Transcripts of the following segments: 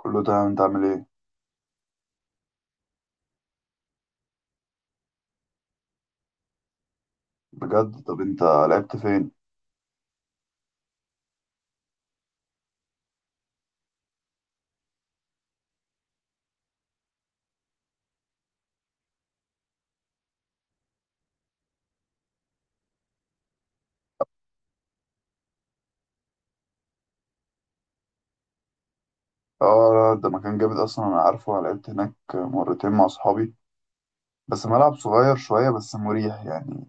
كله تمام، انت عامل ايه؟ بجد؟ طب انت لعبت فين؟ اه لا، ده مكان جامد اصلا، انا عارفه. انا لعبت هناك مرتين مع اصحابي، بس ملعب صغير شويه بس مريح يعني.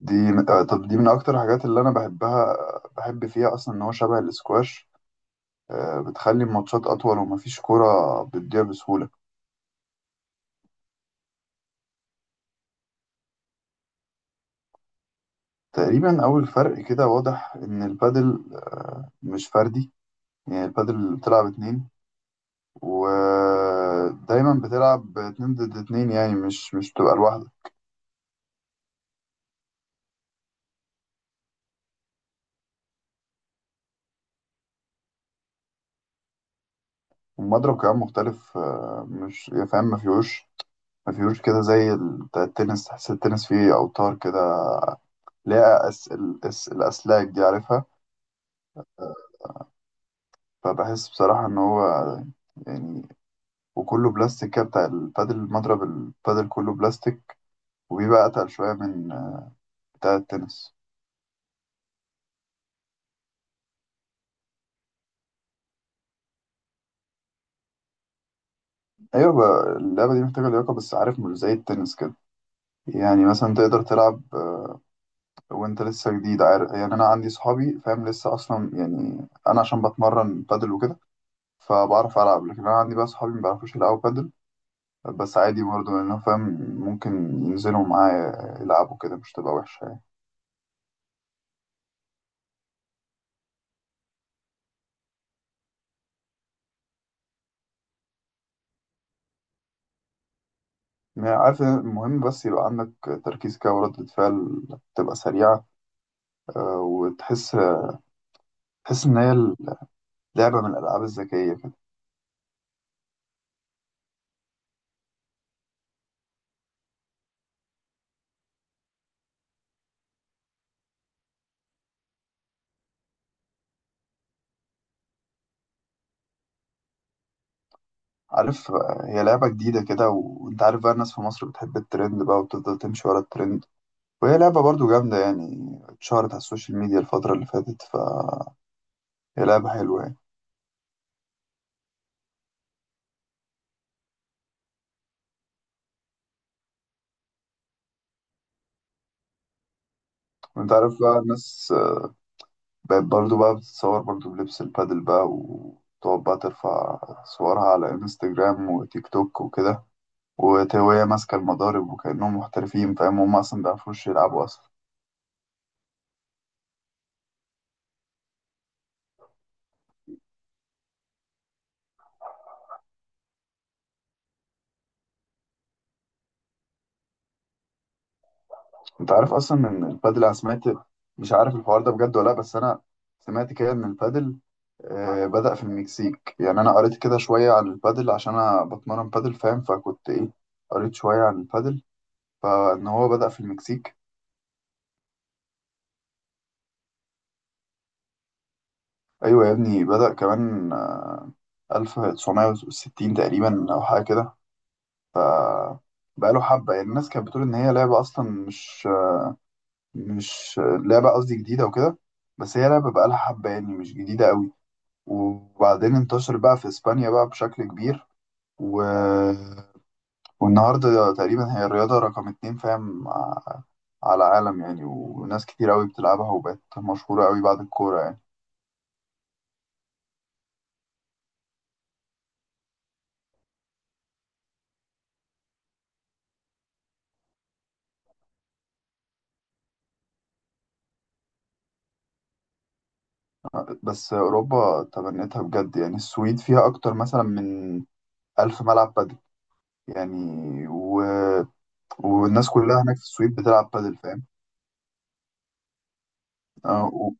دي آه، طب دي من اكتر الحاجات اللي انا بحبها، بحب فيها اصلا ان هو شبه الاسكواش. بتخلي الماتشات اطول ومفيش كرة بتضيع بسهوله. تقريبا اول فرق كده واضح ان البادل مش فردي، يعني البادل بتلعب اتنين، ودايما بتلعب اتنين ضد اتنين، يعني مش بتبقى لوحدك. المضرب كمان مختلف، مش، يعني فاهم، ما فيهوش، ما فيهوش كده زي بتاع التنس. تحس التنس فيه أوتار كده، ليها الأسلاك دي عارفها. فبحس بصراحة إن هو، يعني، وكله بلاستيك كده، بتاع البادل. المضرب البادل كله بلاستيك وبيبقى أتقل شوية من بتاع التنس. أيوة، بقى اللعبة دي محتاجة لياقة، بس عارف مش زي التنس كده. يعني مثلا تقدر تلعب وانت لسه جديد، عارف يعني انا عندي صحابي فاهم لسه اصلا، يعني انا عشان بتمرن بادل وكده فبعرف ألعب، لكن أنا عندي بقى أصحابي ما بيعرفوش يلعبوا بادل، بس عادي برضه. لأنه فاهم ممكن ينزلوا معايا يلعبوا كده مش تبقى وحشة يعني. يعني عارف إن المهم بس يبقى عندك تركيز كده وردة فعل تبقى سريعة، وتحس، تحس إن هي لعبة من الألعاب الذكية كده. عارف، هي لعبة جديدة كده، وأنت عارف بقى الناس في مصر بتحب الترند بقى وتفضل تمشي ورا الترند، وهي لعبة برضه جامدة يعني، اتشهرت على السوشيال ميديا الفترة اللي فاتت، فهي لعبة حلوة يعني. وأنت عارف بقى الناس بقت برضو بقى بتتصور برضو بلبس البادل بقى وتقعد بقى ترفع صورها على انستجرام وتيك توك وكده، وهي ماسكة المضارب وكأنهم محترفين، فاهم هم أصلا مبيعرفوش يلعبوا أصلا. أنت عارف أصلا إن البادل، أنا سمعت، مش عارف الحوار ده بجد ولا لأ، بس أنا سمعت كده إن البادل بدأ في المكسيك. يعني أنا قريت كده شوية عن البادل عشان أنا بتمرن بادل، فاهم؟ فكنت إيه، قريت شوية عن البادل، فإن هو بدأ في المكسيك. ايوه يا ابني، بدأ كمان 1960 تقريبا او حاجه كده. بقاله حبه، يعني الناس كانت بتقول ان هي لعبه اصلا مش لعبه، قصدي جديده وكده، بس هي لعبه بقالها حبه يعني، مش جديده قوي. وبعدين انتشر بقى في اسبانيا بقى بشكل كبير، و... والنهارده تقريبا هي الرياضه رقم اتنين، فاهم على العالم يعني، وناس كتير قوي بتلعبها وبقت مشهوره قوي بعد الكوره يعني. بس اوروبا تبنتها بجد، يعني السويد فيها اكتر مثلا من 1000 ملعب بادل يعني. والناس كلها هناك في السويد بتلعب بادل، فاهم. آه، و...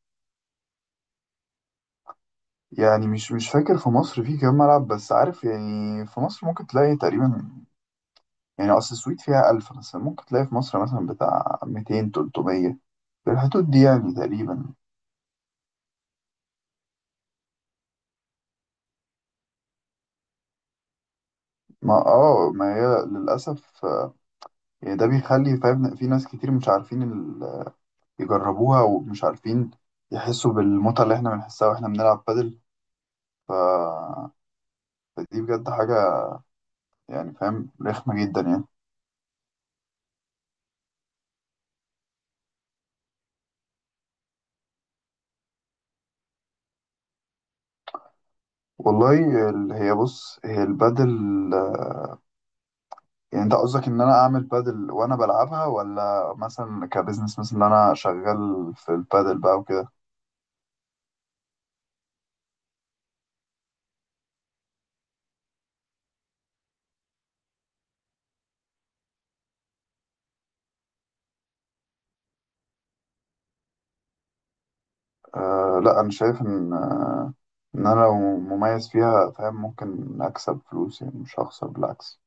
يعني مش فاكر في مصر في كام ملعب، بس عارف يعني في مصر ممكن تلاقي تقريبا، يعني أصل السويد فيها 1000 مثلا، ممكن تلاقي في مصر مثلا بتاع 200 300 في الحدود دي يعني تقريبا. ما هي للأسف، يعني ده بيخلي فاهم في ناس كتير مش عارفين يجربوها، ومش عارفين يحسوا بالمتعة اللي احنا بنحسها واحنا بنلعب بادل. ف... فدي بجد حاجة يعني، فاهم، رخمة جدا يعني. والله، هي بص هي البادل، يعني انت قصدك ان انا اعمل بادل وانا بلعبها، ولا مثلا كبزنس مثلا ان انا شغال في البادل بقى وكده. آه لا، انا شايف ان ان انا لو مميز فيها، فاهم ممكن اكسب فلوس يعني، مش هخسر، بالعكس.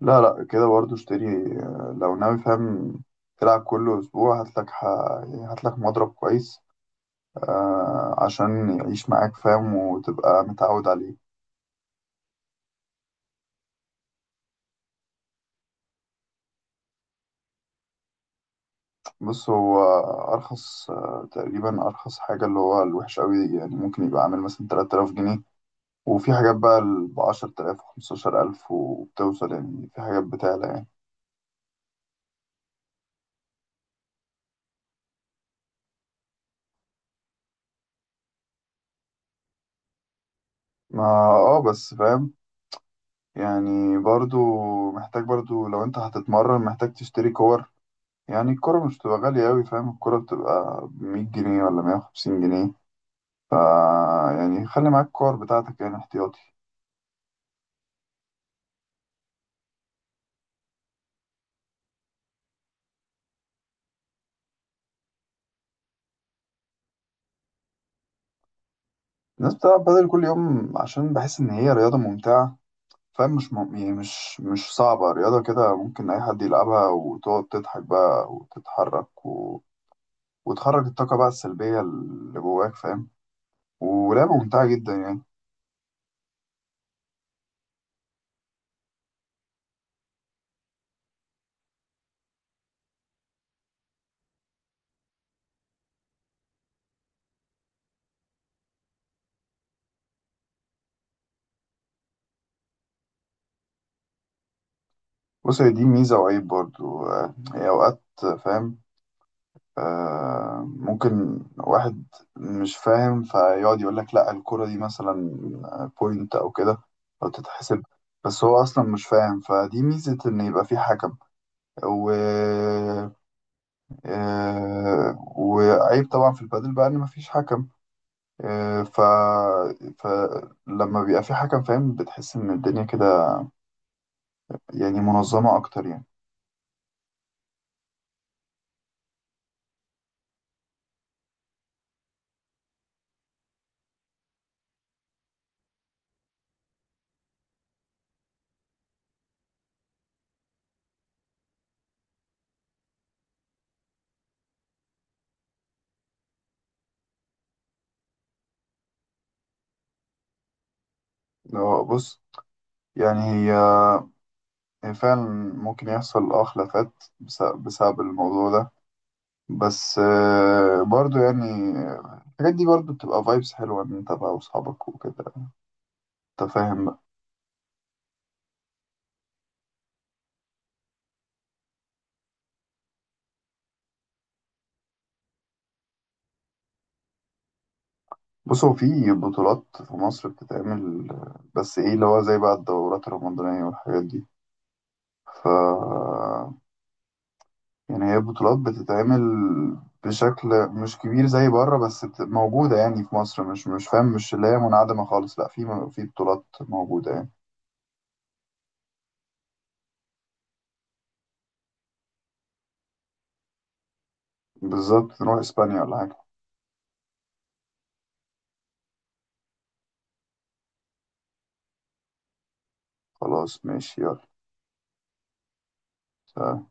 لا لا، كده برضه اشتري. لو ناوي فاهم تلعب كل اسبوع، هاتلك يعني هاتلك مضرب كويس، عشان يعيش معاك، فاهم، وتبقى متعود عليه. بص هو أرخص، تقريبا أرخص حاجة اللي هو الوحش أوي يعني ممكن يبقى عامل مثلا 3000 جنيه. وفي حاجات بقى ب 10000 و15000، وبتوصل يعني، في حاجات بتعلى يعني. ما اه بس فاهم يعني برضو محتاج برضو، لو أنت هتتمرن محتاج تشتري كور. يعني الكورة مش بتبقى غالية أوي، فاهم؟ الكورة بتبقى ب100 جنيه ولا 150 جنيه. فا يعني خلي معاك الكور بتاعتك يعني احتياطي. الناس بتلعب بدل كل يوم عشان بحس إن هي رياضة ممتعة. فاهم مش م... يعني مش صعبة، رياضة كده ممكن أي حد يلعبها، وتقعد تضحك بقى وتتحرك وتخرج الطاقة بقى السلبية اللي جواك، فاهم؟ ولعبة ممتعة جدا يعني. بص هي دي ميزة وعيب برضو. هي أوقات فاهم، ممكن واحد مش فاهم فيقعد يقول لك لا الكرة دي مثلا بوينت أو كده، أو تتحسب، بس هو أصلا مش فاهم. فدي ميزة إن يبقى في حكم. و... آه، وعيب طبعا في البادل بقى ان مفيش حكم. آه، ف فلما بيبقى في حكم، فاهم بتحس ان الدنيا كده يعني منظمة اكتر يعني. لو بص، يعني هي، هي فعلا ممكن يحصل اه خلافات بسبب الموضوع ده. بس برضو يعني الحاجات دي برضو بتبقى فايبس حلوة ان انت بقى واصحابك وكده، انت فاهم بقى. بص هو في بطولات في مصر بتتعمل، بس ايه اللي هو زي بقى الدورات الرمضانية والحاجات دي. ف يعني هي بطولات بتتعمل بشكل مش كبير زي بره، بس موجودة يعني في مصر. مش فاهم، مش اللي هي منعدمة خالص، لا، في في بطولات موجودة يعني. بالظبط، نروح اسبانيا ولا حاجة. خلاص ماشي. يلا.